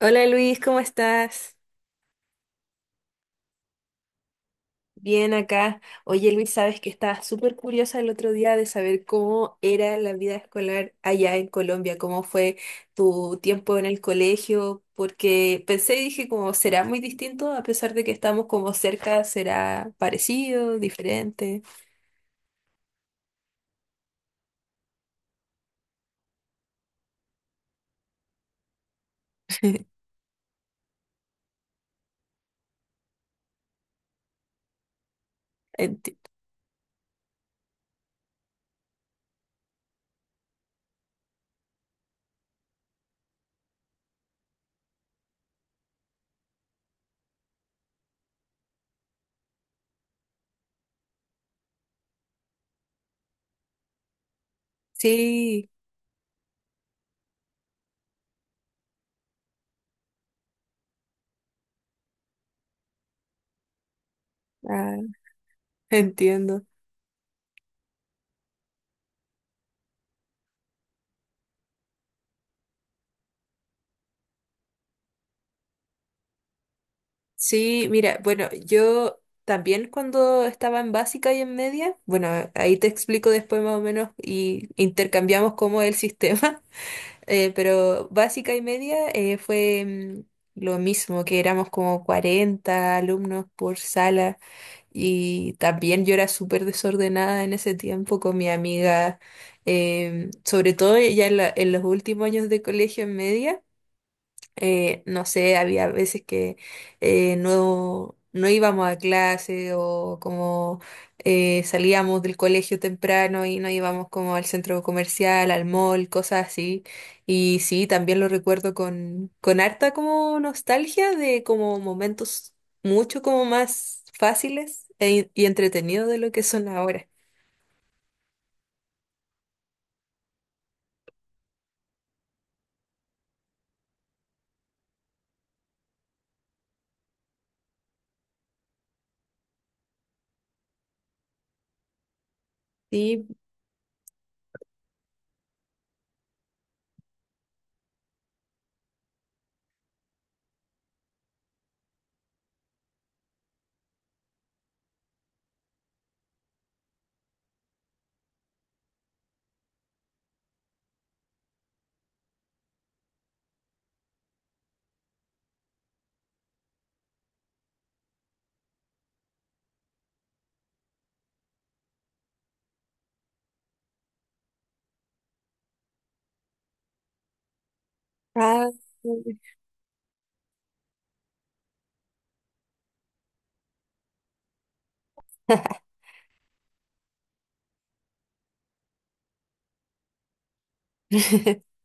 Hola Luis, ¿cómo estás? Bien acá. Oye Luis, sabes que estaba súper curiosa el otro día de saber cómo era la vida escolar allá en Colombia, cómo fue tu tiempo en el colegio, porque pensé y dije como será muy distinto, a pesar de que estamos como cerca, será parecido, diferente. Enti- sí, ah, entiendo. Sí, mira, bueno, yo también cuando estaba en básica y en media, bueno, ahí te explico después más o menos y intercambiamos cómo es el sistema. Pero básica y media fue lo mismo, que éramos como 40 alumnos por sala y también yo era súper desordenada en ese tiempo con mi amiga, sobre todo ya en, en los últimos años de colegio en media. No sé, había veces que no, no íbamos a clase o como salíamos del colegio temprano y no íbamos como al centro comercial, al mall, cosas así. Y sí, también lo recuerdo con harta como nostalgia de como momentos mucho como más fáciles y entretenidos de lo que son ahora. Sí, ah.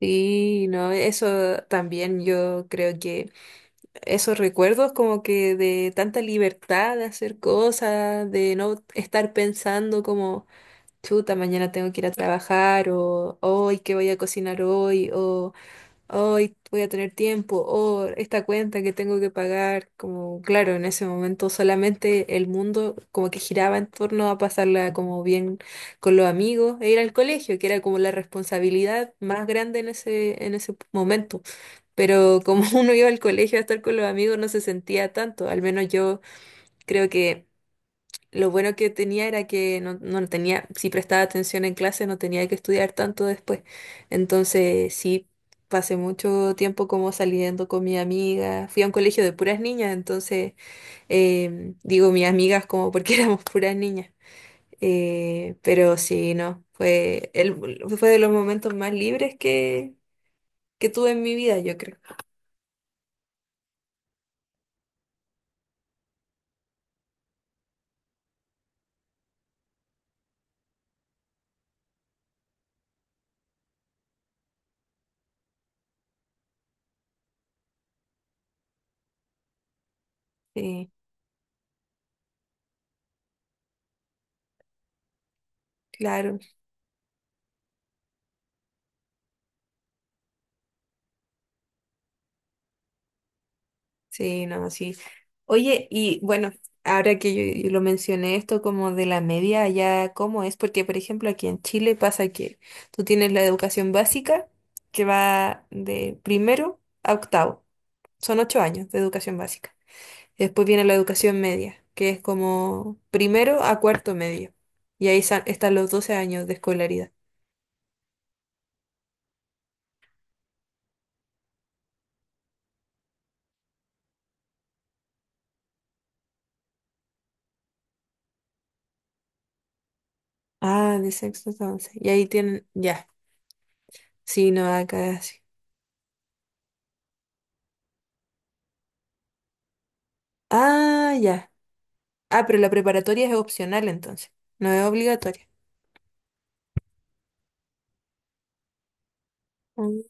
Sí, no, eso también yo creo que... esos recuerdos como que de tanta libertad de hacer cosas, de no estar pensando como, chuta, mañana tengo que ir a trabajar o hoy, ¿qué voy a cocinar hoy? O hoy voy a tener tiempo, o esta cuenta que tengo que pagar, como claro, en ese momento solamente el mundo como que giraba en torno a pasarla como bien con los amigos e ir al colegio, que era como la responsabilidad más grande en ese momento. Pero como uno iba al colegio a estar con los amigos, no se sentía tanto, al menos yo creo que lo bueno que tenía era que no, no tenía, si prestaba atención en clase, no tenía que estudiar tanto después. Entonces, sí, pasé mucho tiempo como saliendo con mi amiga. Fui a un colegio de puras niñas, entonces, digo mis amigas como porque éramos puras niñas. Pero sí, no, fue de los momentos más libres que tuve en mi vida, yo creo. Sí, claro. Sí, no, sí. Oye, y bueno, ahora que yo lo mencioné esto como de la media, allá cómo es, porque por ejemplo aquí en Chile pasa que tú tienes la educación básica que va de primero a octavo, son 8 años de educación básica. Y después viene la educación media, que es como primero a cuarto medio. Y ahí están los 12 años de escolaridad. Ah, de sexto a 11. Y ahí tienen, ya, sí, no, acá sí. Ah, ya. Ah, pero la preparatoria es opcional entonces, no es obligatoria. Mm.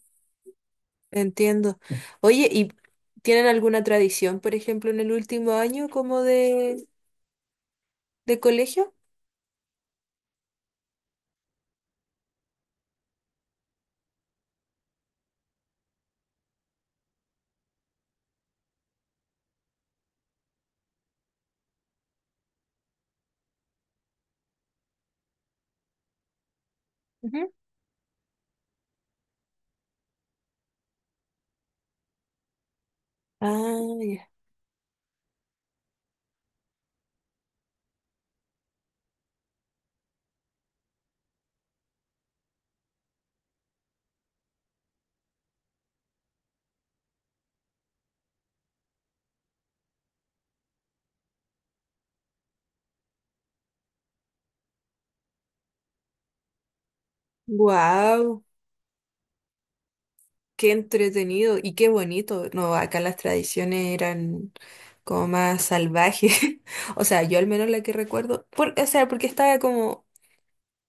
Entiendo. Oye, ¿y tienen alguna tradición, por ejemplo, en el último año como de colegio? Ujú. Ah, ya. Wow, qué entretenido y qué bonito. No, acá las tradiciones eran como más salvajes. O sea, yo al menos la que recuerdo, o sea, porque estaba como...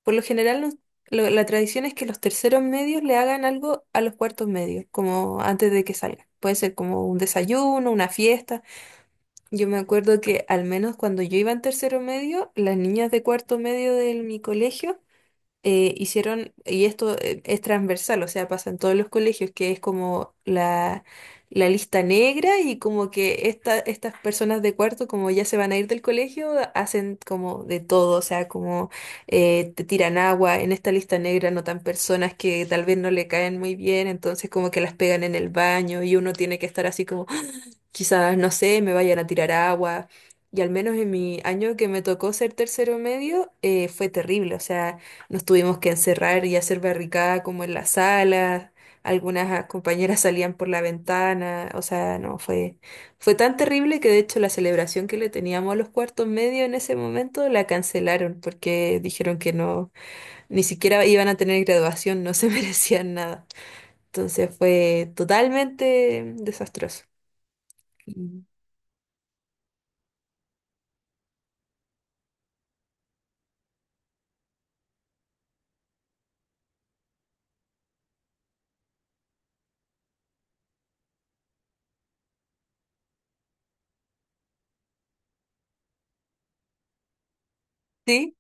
Por lo general, la tradición es que los terceros medios le hagan algo a los cuartos medios, como antes de que salgan. Puede ser como un desayuno, una fiesta. Yo me acuerdo que al menos cuando yo iba en tercero medio, las niñas de cuarto medio de mi colegio hicieron, y esto es transversal, o sea, pasa en todos los colegios, que es como la lista negra y como que estas personas de cuarto, como ya se van a ir del colegio, hacen como de todo, o sea, como te tiran agua, en esta lista negra notan personas que tal vez no le caen muy bien, entonces como que las pegan en el baño y uno tiene que estar así como... Quizás, no sé, me vayan a tirar agua. Y al menos en mi año que me tocó ser tercero medio, fue terrible. O sea, nos tuvimos que encerrar y hacer barricada como en la sala. Algunas compañeras salían por la ventana. O sea, no, fue tan terrible que de hecho la celebración que le teníamos a los cuartos medios en ese momento la cancelaron porque dijeron que no, ni siquiera iban a tener graduación, no se merecían nada. Entonces fue totalmente desastroso. Mm. Sí,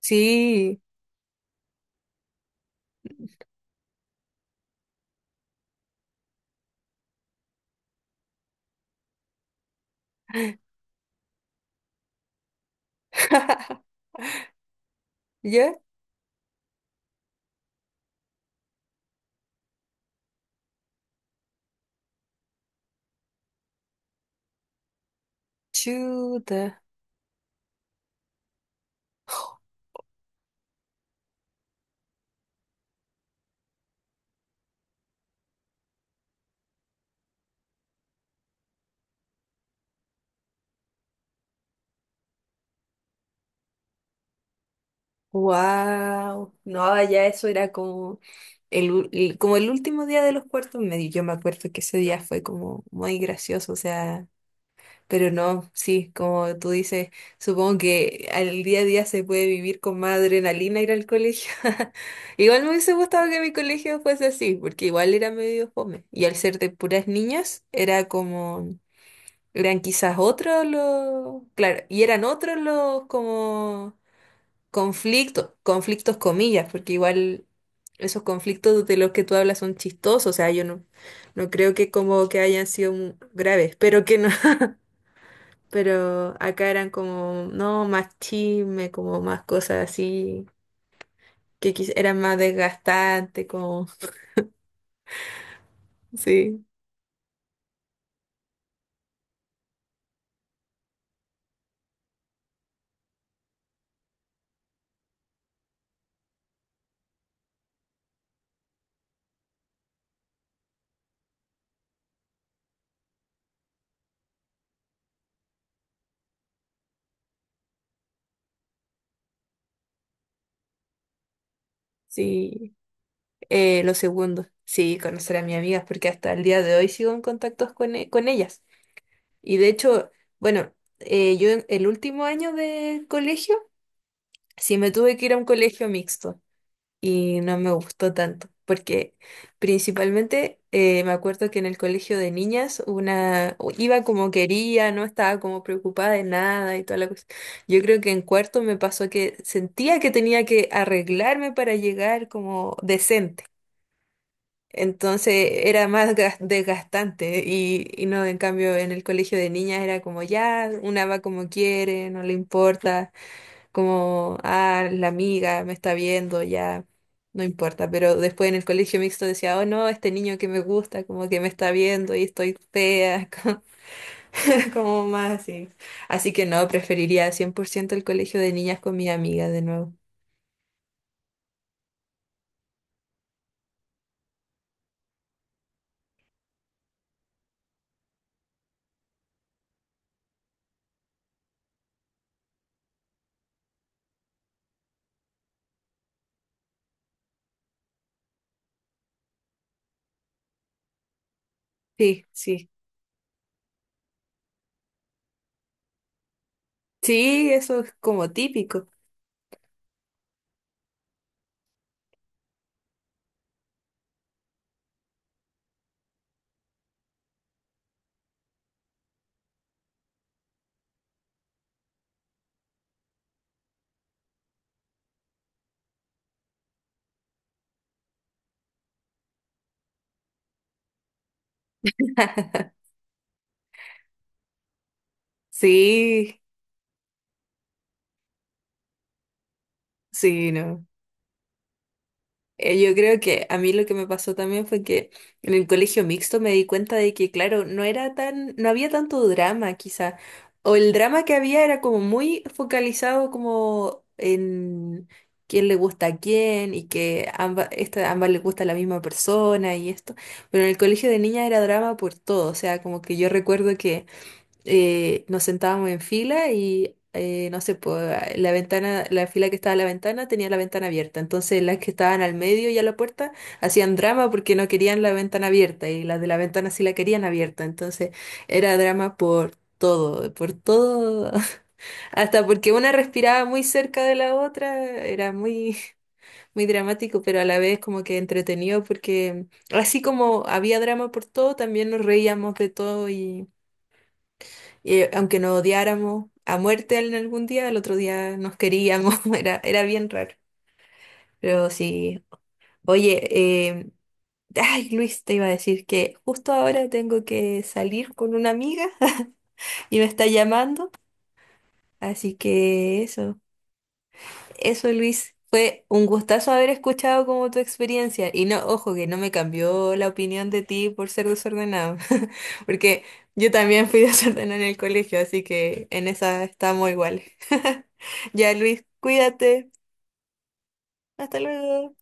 sí. Ya, chuta. Wow. No, ya eso era como el último día de los cuartos medios. Yo me acuerdo que ese día fue como muy gracioso, o sea, pero no, sí, como tú dices, supongo que al día a día se puede vivir con más adrenalina ir al colegio. Igual me hubiese gustado que mi colegio fuese así, porque igual era medio fome. Y al ser de puras niñas, era como... Eran quizás otros los, claro, y eran otros los como conflictos, conflictos comillas, porque igual esos conflictos de los que tú hablas son chistosos, o sea, yo no, no creo que como que hayan sido graves, pero que no. Pero acá eran como, no, más chisme, como más cosas así, que eran más desgastantes, como... Sí, sí, lo segundo, sí, conocer a mis amigas, porque hasta el día de hoy sigo en contactos con ellas. Y de hecho, bueno, yo el último año de colegio, sí me tuve que ir a un colegio mixto y no me gustó tanto, porque principalmente me acuerdo que en el colegio de niñas una iba como quería, no estaba como preocupada de nada y toda la cosa. Yo creo que en cuarto me pasó que sentía que tenía que arreglarme para llegar como decente. Entonces era más desgastante y no, en cambio, en el colegio de niñas era como ya, una va como quiere, no le importa, como, ah, la amiga me está viendo, ya, no importa. Pero después en el colegio mixto decía, oh no, este niño que me gusta, como que me está viendo y estoy fea, como, como más así. Así que no, preferiría 100% el colegio de niñas con mi amiga de nuevo. Sí, sí. Sí, eso es como típico. Sí. Sí, no. Yo creo que a mí lo que me pasó también fue que en el colegio mixto me di cuenta de que, claro, no era tan, no había tanto drama, quizá. O el drama que había era como muy focalizado como en quién le gusta a quién y que ambas les gusta la misma persona y esto. Pero en el colegio de niñas era drama por todo. O sea, como que yo recuerdo que nos sentábamos en fila y no sé, pues, la fila que estaba a la ventana tenía la ventana abierta. Entonces las que estaban al medio y a la puerta hacían drama porque no querían la ventana abierta y las de la ventana sí la querían abierta. Entonces era drama por todo, por todo. Hasta porque una respiraba muy cerca de la otra, era muy, muy dramático, pero a la vez como que entretenido porque así como había drama por todo, también nos reíamos de todo y aunque nos odiáramos a muerte en algún día, al otro día nos queríamos. Era, era bien raro. Pero sí, oye, eh, ay Luis, te iba a decir que justo ahora tengo que salir con una amiga y me está llamando, así que eso. Eso, Luis, fue un gustazo haber escuchado como tu experiencia. Y no, ojo, que no me cambió la opinión de ti por ser desordenado, porque yo también fui desordenada en el colegio, así que en esa estamos iguales. Ya, Luis, cuídate. Hasta luego.